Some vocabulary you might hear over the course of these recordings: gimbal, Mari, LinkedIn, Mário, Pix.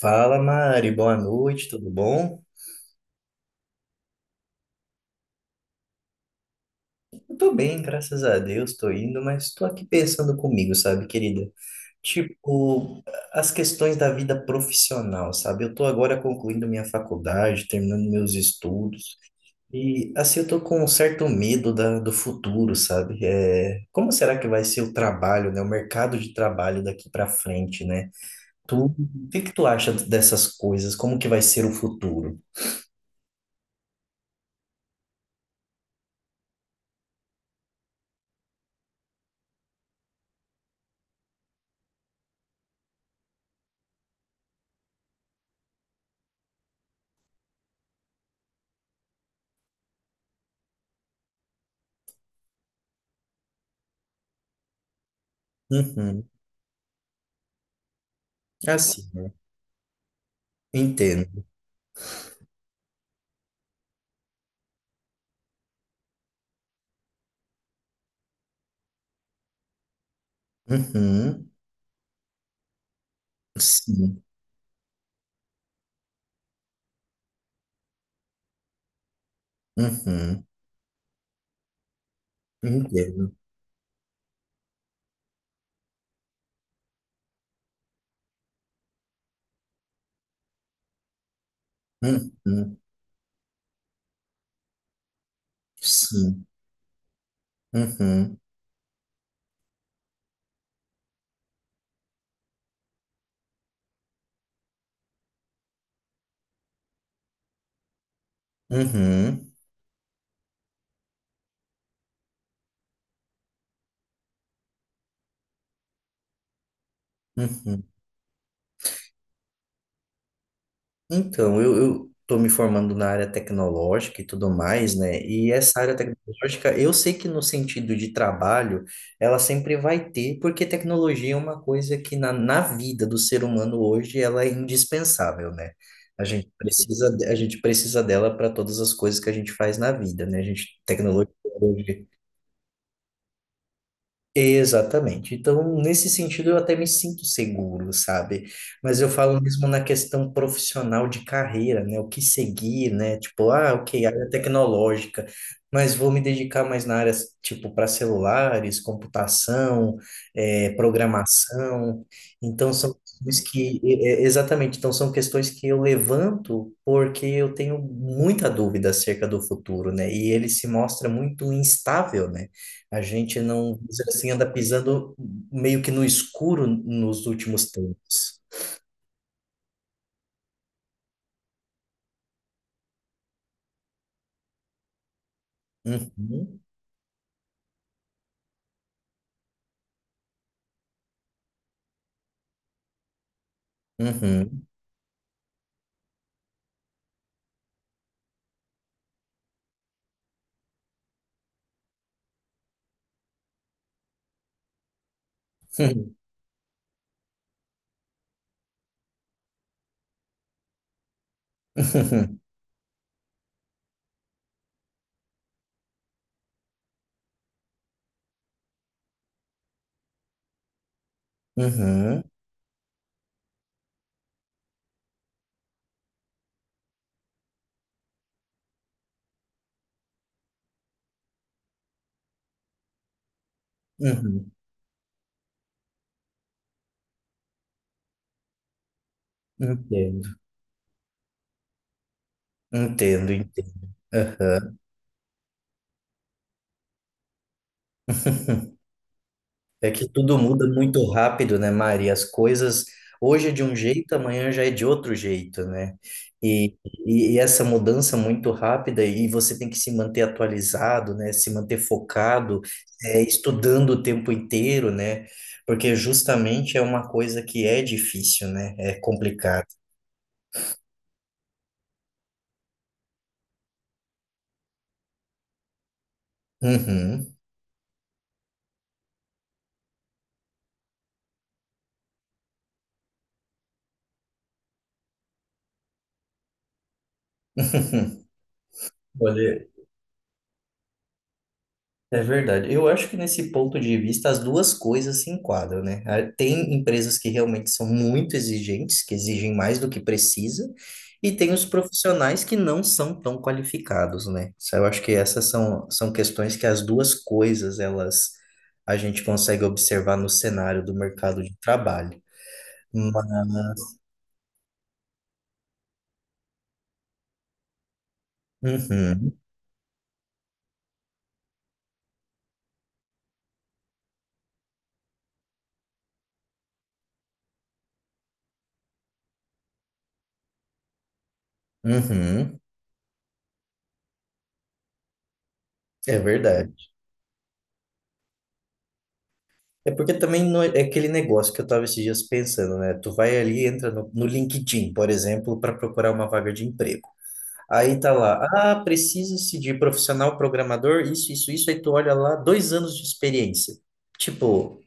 Fala, Mari, boa noite, tudo bom? Eu tô bem, graças a Deus, tô indo, mas tô aqui pensando comigo, sabe, querida? Tipo, as questões da vida profissional, sabe? Eu tô agora concluindo minha faculdade, terminando meus estudos, e assim eu tô com um certo medo do futuro, sabe? Como será que vai ser o trabalho, né? O mercado de trabalho daqui pra frente, né? Tu, o que que tu acha dessas coisas? Como que vai ser o futuro? Uhum. Assim, né? Entendo. Uhum. Sim. Uhum. Entendo. Uhum. Sim. Uhum. Uhum. Uhum. Então, eu tô me formando na área tecnológica e tudo mais, né? E essa área tecnológica, eu sei que no sentido de trabalho, ela sempre vai ter, porque tecnologia é uma coisa que na vida do ser humano hoje, ela é indispensável, né? A gente a gente precisa dela para todas as coisas que a gente faz na vida, né? A gente, tecnologia. Exatamente. Então, nesse sentido, eu até me sinto seguro, sabe? Mas eu falo mesmo na questão profissional de carreira, né? O que seguir, né? Tipo, ah, ok, área tecnológica, mas vou me dedicar mais na área, tipo, para celulares, computação, programação. Então, são questões que, exatamente, então são questões que eu levanto porque eu tenho muita dúvida acerca do futuro, né? E ele se mostra muito instável, né? A gente não, vamos dizer assim, anda pisando meio que no escuro nos últimos tempos. Uhum, uhum, uhum, uhum, uhum. Entendo, entendo, entendo. Aham. É que tudo muda muito rápido, né, Mari? As coisas hoje é de um jeito, amanhã já é de outro jeito, né? E, e essa mudança muito rápida, e você tem que se manter atualizado, né? Se manter focado, estudando o tempo inteiro, né? Porque justamente é uma coisa que é difícil, né? É complicado. Uhum. Olha, é verdade. Eu acho que nesse ponto de vista as duas coisas se enquadram, né? Ah, tem empresas que realmente são muito exigentes, que exigem mais do que precisa, e tem os profissionais que não são tão qualificados, né? Isso. Eu acho que essas são, são questões que as duas coisas elas a gente consegue observar no cenário do mercado de trabalho. Mas, uhum, uhum, é verdade. É porque também não é é aquele negócio que eu estava esses dias pensando, né? Tu vai ali, entra no LinkedIn, por exemplo, para procurar uma vaga de emprego. Aí tá lá, ah, precisa-se de profissional programador, isso, isso, isso. Aí tu olha lá, dois anos de experiência. Tipo,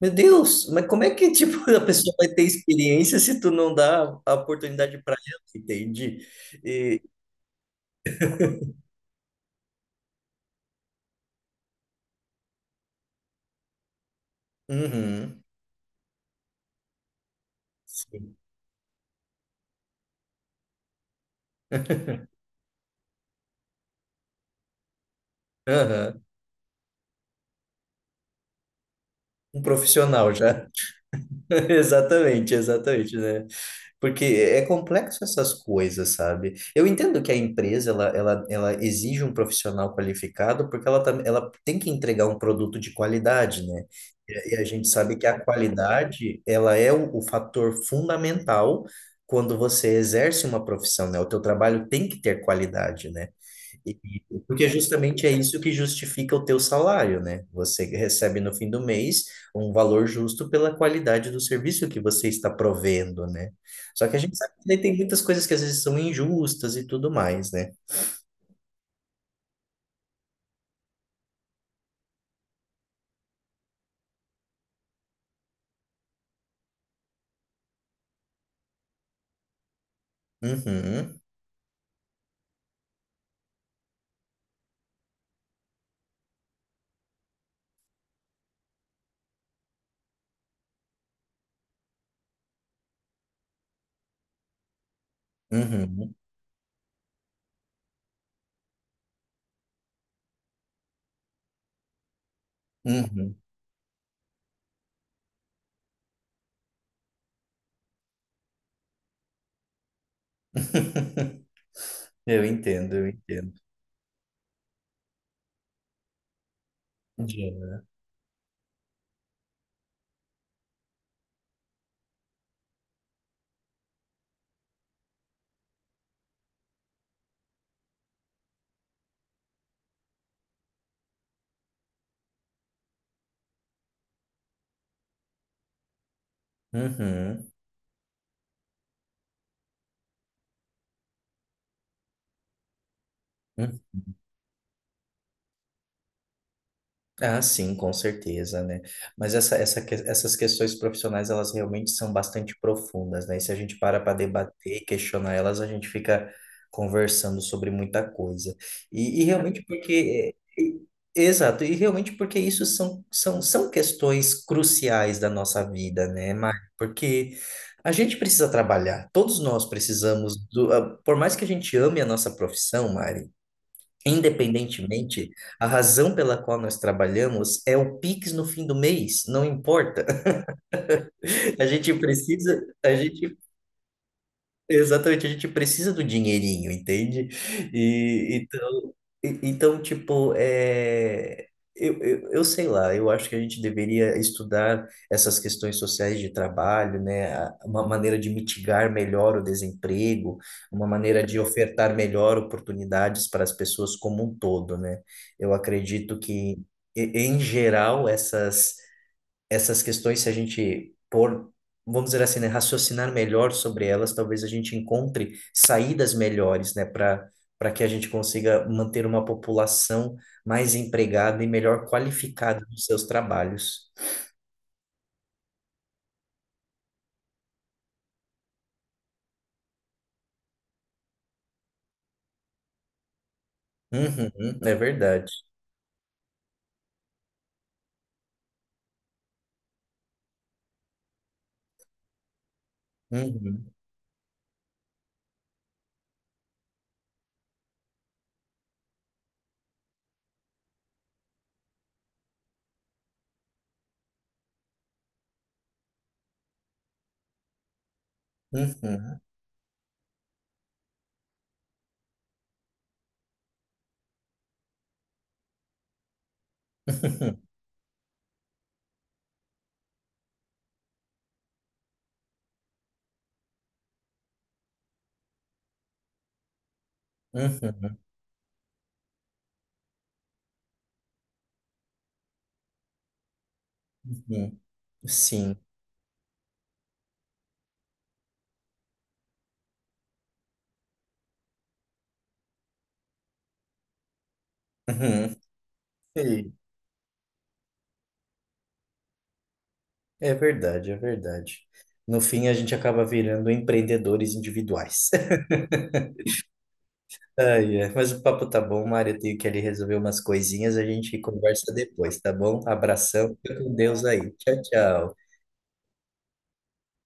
meu Deus, mas como é que, tipo, a pessoa vai ter experiência se tu não dá a oportunidade para ela, entende? E, uhum, sim, aham, um profissional já. Exatamente, exatamente, né? Porque é complexo essas coisas, sabe? Eu entendo que a empresa ela exige um profissional qualificado porque ela tem que entregar um produto de qualidade, né? E a gente sabe que a qualidade ela é o fator fundamental quando você exerce uma profissão, né? O teu trabalho tem que ter qualidade, né? E- porque justamente é isso que justifica o teu salário, né? Você recebe no fim do mês um valor justo pela qualidade do serviço que você está provendo, né? Só que a gente sabe que daí tem muitas coisas que às vezes são injustas e tudo mais, né? Uhum, uhum, uhum. Eu entendo, eu entendo. Entendi. Uhum, uhum. Ah, sim, com certeza, né? Mas essas questões profissionais, elas realmente são bastante profundas, né? E se a gente para para debater e questionar elas, a gente fica conversando sobre muita coisa. E realmente porque... e- exato, e realmente porque isso são, são, são questões cruciais da nossa vida, né, Mari. Porque a gente precisa trabalhar, todos nós precisamos do... ah, por mais que a gente ame a nossa profissão, Mari, independentemente, a razão pela qual nós trabalhamos é o Pix no fim do mês, não importa. A gente precisa, a gente exatamente, a gente precisa do dinheirinho, entende? E então, e- então tipo, eu sei lá, eu acho que a gente deveria estudar essas questões sociais de trabalho, né? a- Uma maneira de mitigar melhor o desemprego, uma maneira de ofertar melhor oportunidades para as pessoas como um todo, né? Eu acredito que, e- em geral, essas questões, se a gente pôr, vamos dizer assim, né, raciocinar melhor sobre elas, talvez a gente encontre saídas melhores, né, para para que a gente consiga manter uma população mais empregada e melhor qualificada nos seus trabalhos. Uhum, é verdade. Uhum, uhum, uhum, uhum, sim. Uhum. Sim, é verdade, é verdade. No fim, a gente acaba virando empreendedores individuais. Ai, é. Mas o papo tá bom, Mário. Eu tenho que ali resolver umas coisinhas. A gente conversa depois, tá bom? Abração. Fica com Deus aí. Tchau, tchau.